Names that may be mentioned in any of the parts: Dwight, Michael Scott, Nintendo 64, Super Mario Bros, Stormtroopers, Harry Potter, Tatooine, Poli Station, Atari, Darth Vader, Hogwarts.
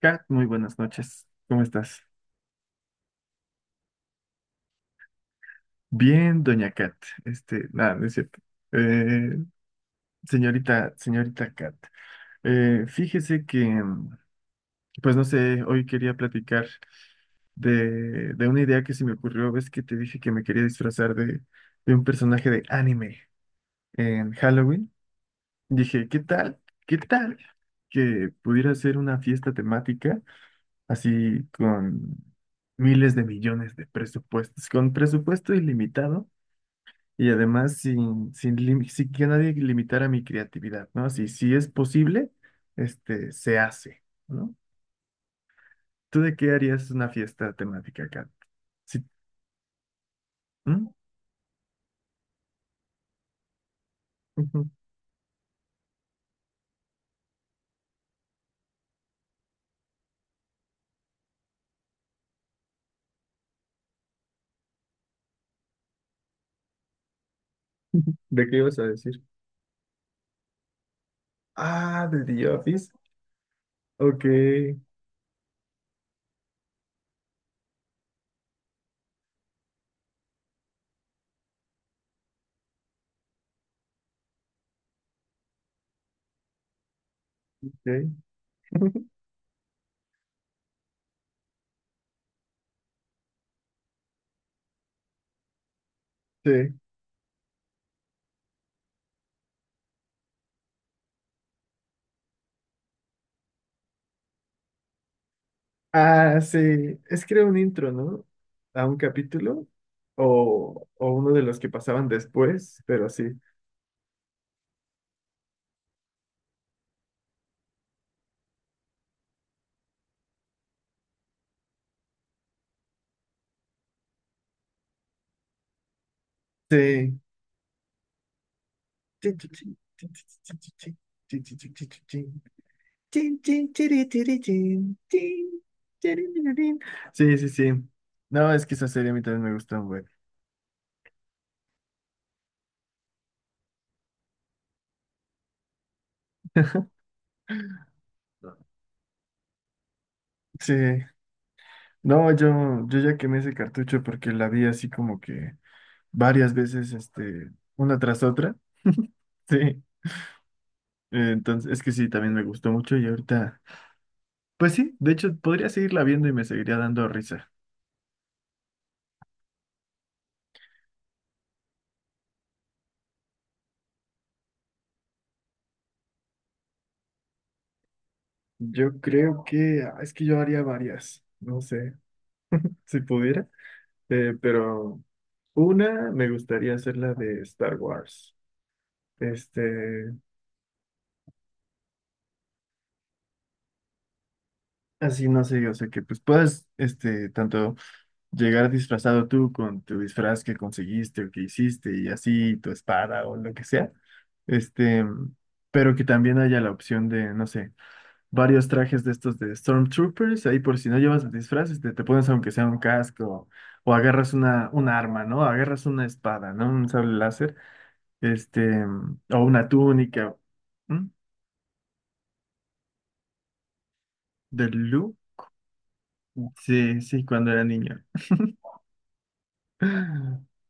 Kat, muy buenas noches. ¿Cómo estás? Bien, doña Kat. Este, nada, no es cierto. Eh, señorita, señorita Kat, fíjese que, pues no sé, hoy quería platicar de una idea que se me ocurrió. Ves que te dije que me quería disfrazar de un personaje de anime en Halloween. Dije, ¿qué tal? ¿Qué tal? Que pudiera ser una fiesta temática así con miles de millones de presupuestos, con presupuesto ilimitado. Y además sin que nadie limitara mi creatividad, ¿no? Si es posible, este, se hace, ¿no? ¿Tú de qué harías una fiesta temática acá? Sí. ¿Mm? Ujú. ¿De qué ibas a decir? Ah, de The Office. Ok, ok. Sí. Ah, sí. Es que era un intro, ¿no? A un capítulo o uno de los que pasaban después, pero sí. Sí. Chin, chin, chiri, chiri, chin, chin, chiri, chiri, chin. Sí, sí, sí. No, es que esa serie a mí también me gusta, güey. Sí. No, yo ya quemé ese cartucho porque la vi así como que varias veces, este, una tras otra. Sí. Entonces, es que sí, también me gustó mucho y ahorita, pues sí, de hecho, podría seguirla viendo y me seguiría dando risa. Yo creo que, ah, es que yo haría varias, no sé, si pudiera. Pero una me gustaría hacer la de Star Wars. Este, así no sé, o sea que pues puedas, este, tanto llegar disfrazado tú con tu disfraz que conseguiste o que hiciste y así tu espada o lo que sea. Este, pero que también haya la opción de, no sé, varios trajes de estos de Stormtroopers, ahí por si no llevas el disfraz, este, te pones aunque sea un casco o agarras un arma, ¿no? Agarras una espada, ¿no? Un sable láser, este, o una túnica. ¿M? de Lu, sí, sí, cuando era niño.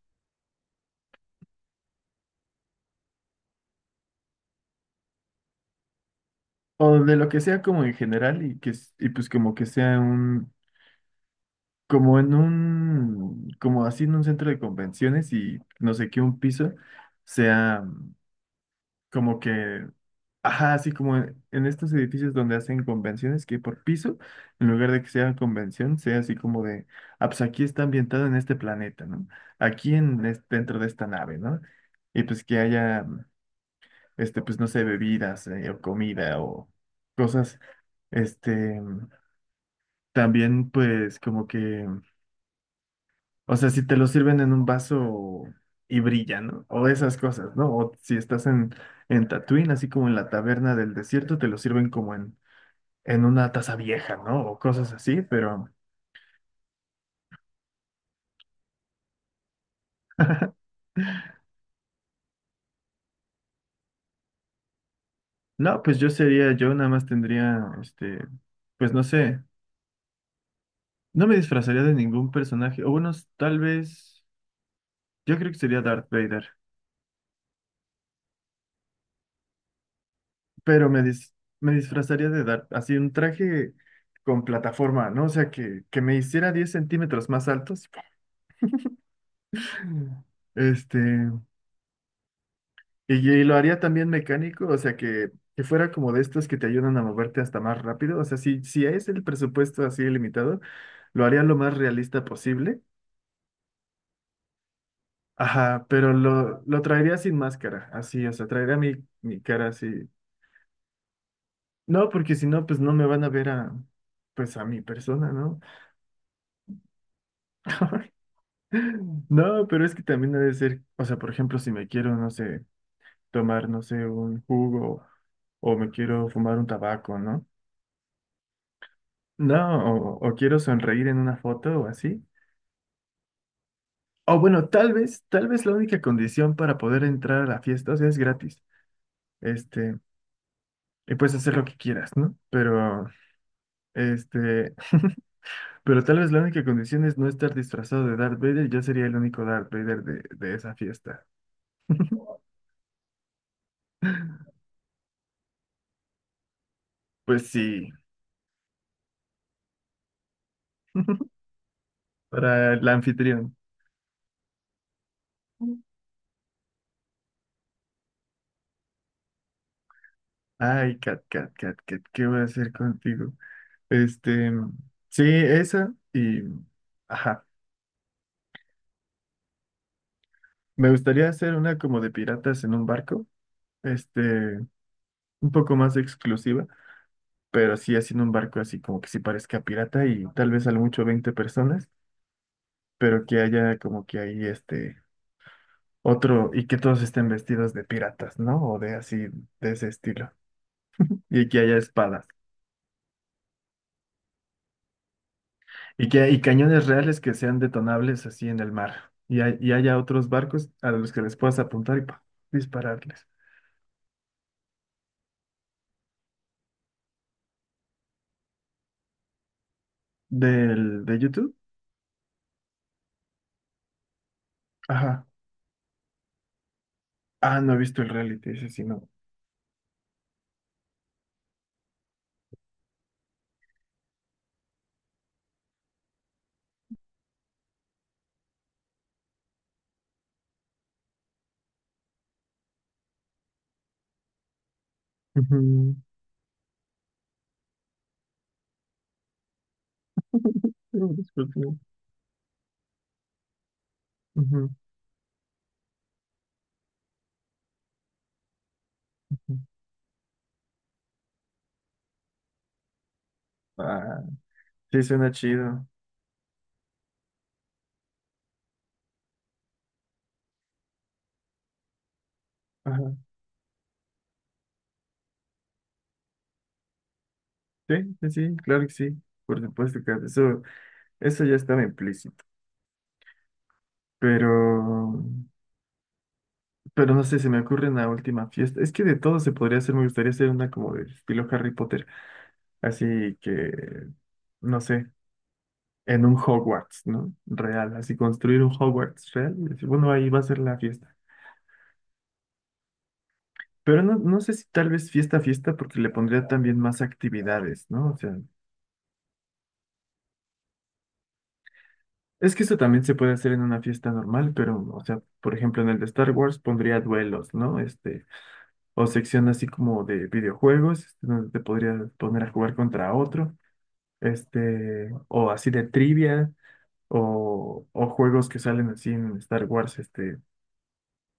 O de lo que sea como en general y que s- y pues como que sea un como en un como así en un centro de convenciones y no sé qué un piso sea como que, ajá, así como en estos edificios donde hacen convenciones, que por piso, en lugar de que sea convención, sea así como de, ah, pues aquí está ambientado en este planeta, ¿no? Aquí en, es- dentro de esta nave, ¿no? Y pues que haya, este, pues no sé, bebidas, o comida o cosas, este, también pues como que... O sea, si te lo sirven en un vaso y brilla, ¿no? O esas cosas, ¿no? O si estás en Tatooine, así como en la taberna del desierto, te lo sirven como en una taza vieja, ¿no? O cosas así, pero no, pues yo sería, yo nada más tendría, este, pues no sé, no me disfrazaría de ningún personaje, o bueno, tal vez, yo creo que sería Darth Vader, pero me disfrazaría de Darth, así un traje con plataforma, ¿no? O sea, que me hiciera 10 centímetros más altos. Este, y lo haría también mecánico, o sea, que fuera como de estos que te ayudan a moverte hasta más rápido. O sea, si es el presupuesto así limitado, lo haría lo más realista posible. Ajá, pero lo traería sin máscara, así, o sea, traería mi cara así. No, porque si no, pues no me van a ver a, pues a mi persona, ¿no? No, pero es que también debe ser, o sea, por ejemplo, si me quiero, no sé, tomar, no sé, un jugo o me quiero fumar un tabaco, ¿no? No, o quiero sonreír en una foto o así. O bueno, tal vez la única condición para poder entrar a la fiesta, o sea, es gratis. Este, y puedes hacer lo que quieras, ¿no? Pero, este, pero tal vez la única condición es no estar disfrazado de Darth Vader. Yo sería el único Darth Vader de esa fiesta. Pues sí, para el anfitrión. Ay, Cat, Cat, Cat, Cat, ¿qué voy a hacer contigo? Este, sí, esa y, ajá. Me gustaría hacer una como de piratas en un barco, este, un poco más exclusiva, pero sí haciendo un barco así como que sí parezca pirata y tal vez a lo mucho 20 personas, pero que haya como que ahí este otro y que todos estén vestidos de piratas, ¿no? O de así, de ese estilo. Y que haya espadas y que y cañones reales que sean detonables así en el mar. Y, hay- y haya otros barcos a los que les puedas apuntar y pa, dispararles. Del, de YouTube. Ajá. Ah, no he visto el reality, ese sí, no. Ujú. Pero disculpe. Ujú, ujú. Ah, sí, suena chido. Ajá. Sí, sí, sí, claro que sí. Por supuesto que eso ya estaba implícito. Pero, pero no sé, se me ocurre una última fiesta. Es que de todo se podría hacer, me gustaría hacer una como de estilo Harry Potter. Así que, no sé, en un Hogwarts, ¿no? Real, así construir un Hogwarts real. Y decir, bueno, ahí va a ser la fiesta. Pero no, no sé si tal vez fiesta, fiesta, porque le pondría también más actividades, ¿no? O sea. Es que eso también se puede hacer en una fiesta normal, pero, o sea, por ejemplo, en el de Star Wars pondría duelos, ¿no? Este, o sección así como de videojuegos, este, donde te podrías poner a jugar contra otro, este, o así de trivia, o juegos que salen así en Star Wars, este,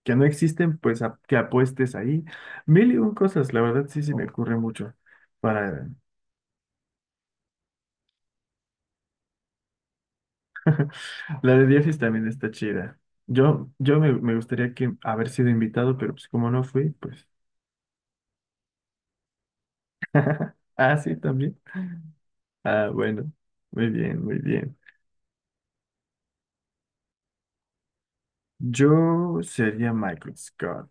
que no existen, pues a- que apuestes ahí. Mil y un cosas, la verdad sí se me ocurre mucho. Para... La de Diefis también está chida. Me gustaría que haber sido invitado, pero pues como no fui, pues. Ah, sí, también. Ah, bueno. Muy bien, muy bien. Yo sería Michael Scott.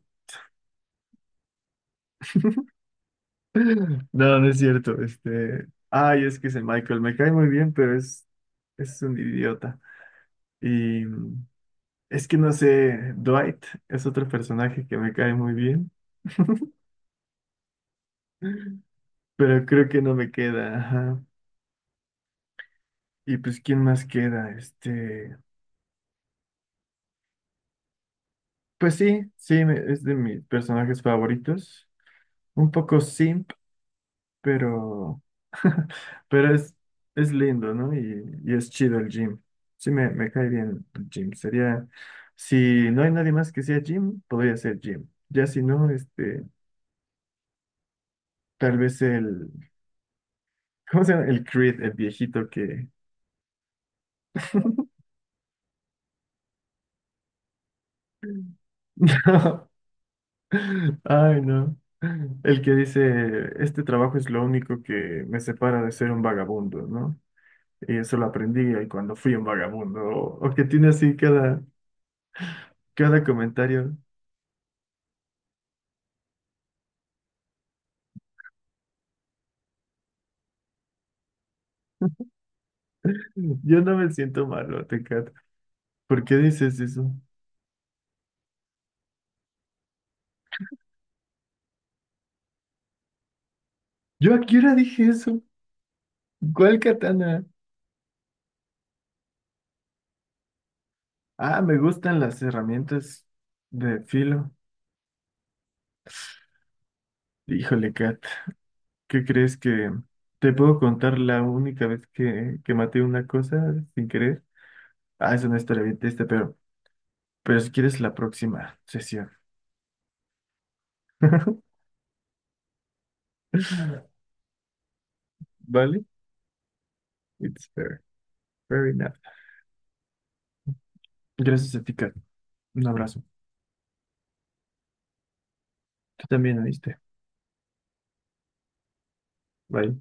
No, no es cierto. Este. Ay, es que ese Michael me cae muy bien, pero es un idiota. Y mm, es que no sé, Dwight es otro personaje que me cae muy bien, pero creo que no me queda. Ajá. Y pues, ¿quién más queda? Este. Pues sí, sí, me- es de mis personajes favoritos. Un poco sí pero, pero es lindo, ¿no? Y es chido el gym. Sí, me cae bien el gym. Sería, si no hay nadie más que sea gym, podría ser gym. Ya si no, este, tal vez el, ¿cómo se llama? El Creed, el viejito que... No, ay, no. El que dice, este trabajo es lo único que me separa de ser un vagabundo, ¿no? Y eso lo aprendí ahí cuando fui un vagabundo. O que tiene así cada, cada comentario. Yo no me siento malo, Tecate. ¿Por qué dices eso? ¿Yo a qué hora dije eso? ¿Cuál katana? Ah, me gustan las herramientas de filo. Híjole, Kat, ¿qué crees que te puedo contar la única vez que maté una cosa sin querer? Ah, es una historia bien triste, pero si quieres la próxima sesión. ¿Vale? It's fair. Fair enough. Gracias a ti, Kat. Un abrazo. Tú también, ¿oíste? Bye.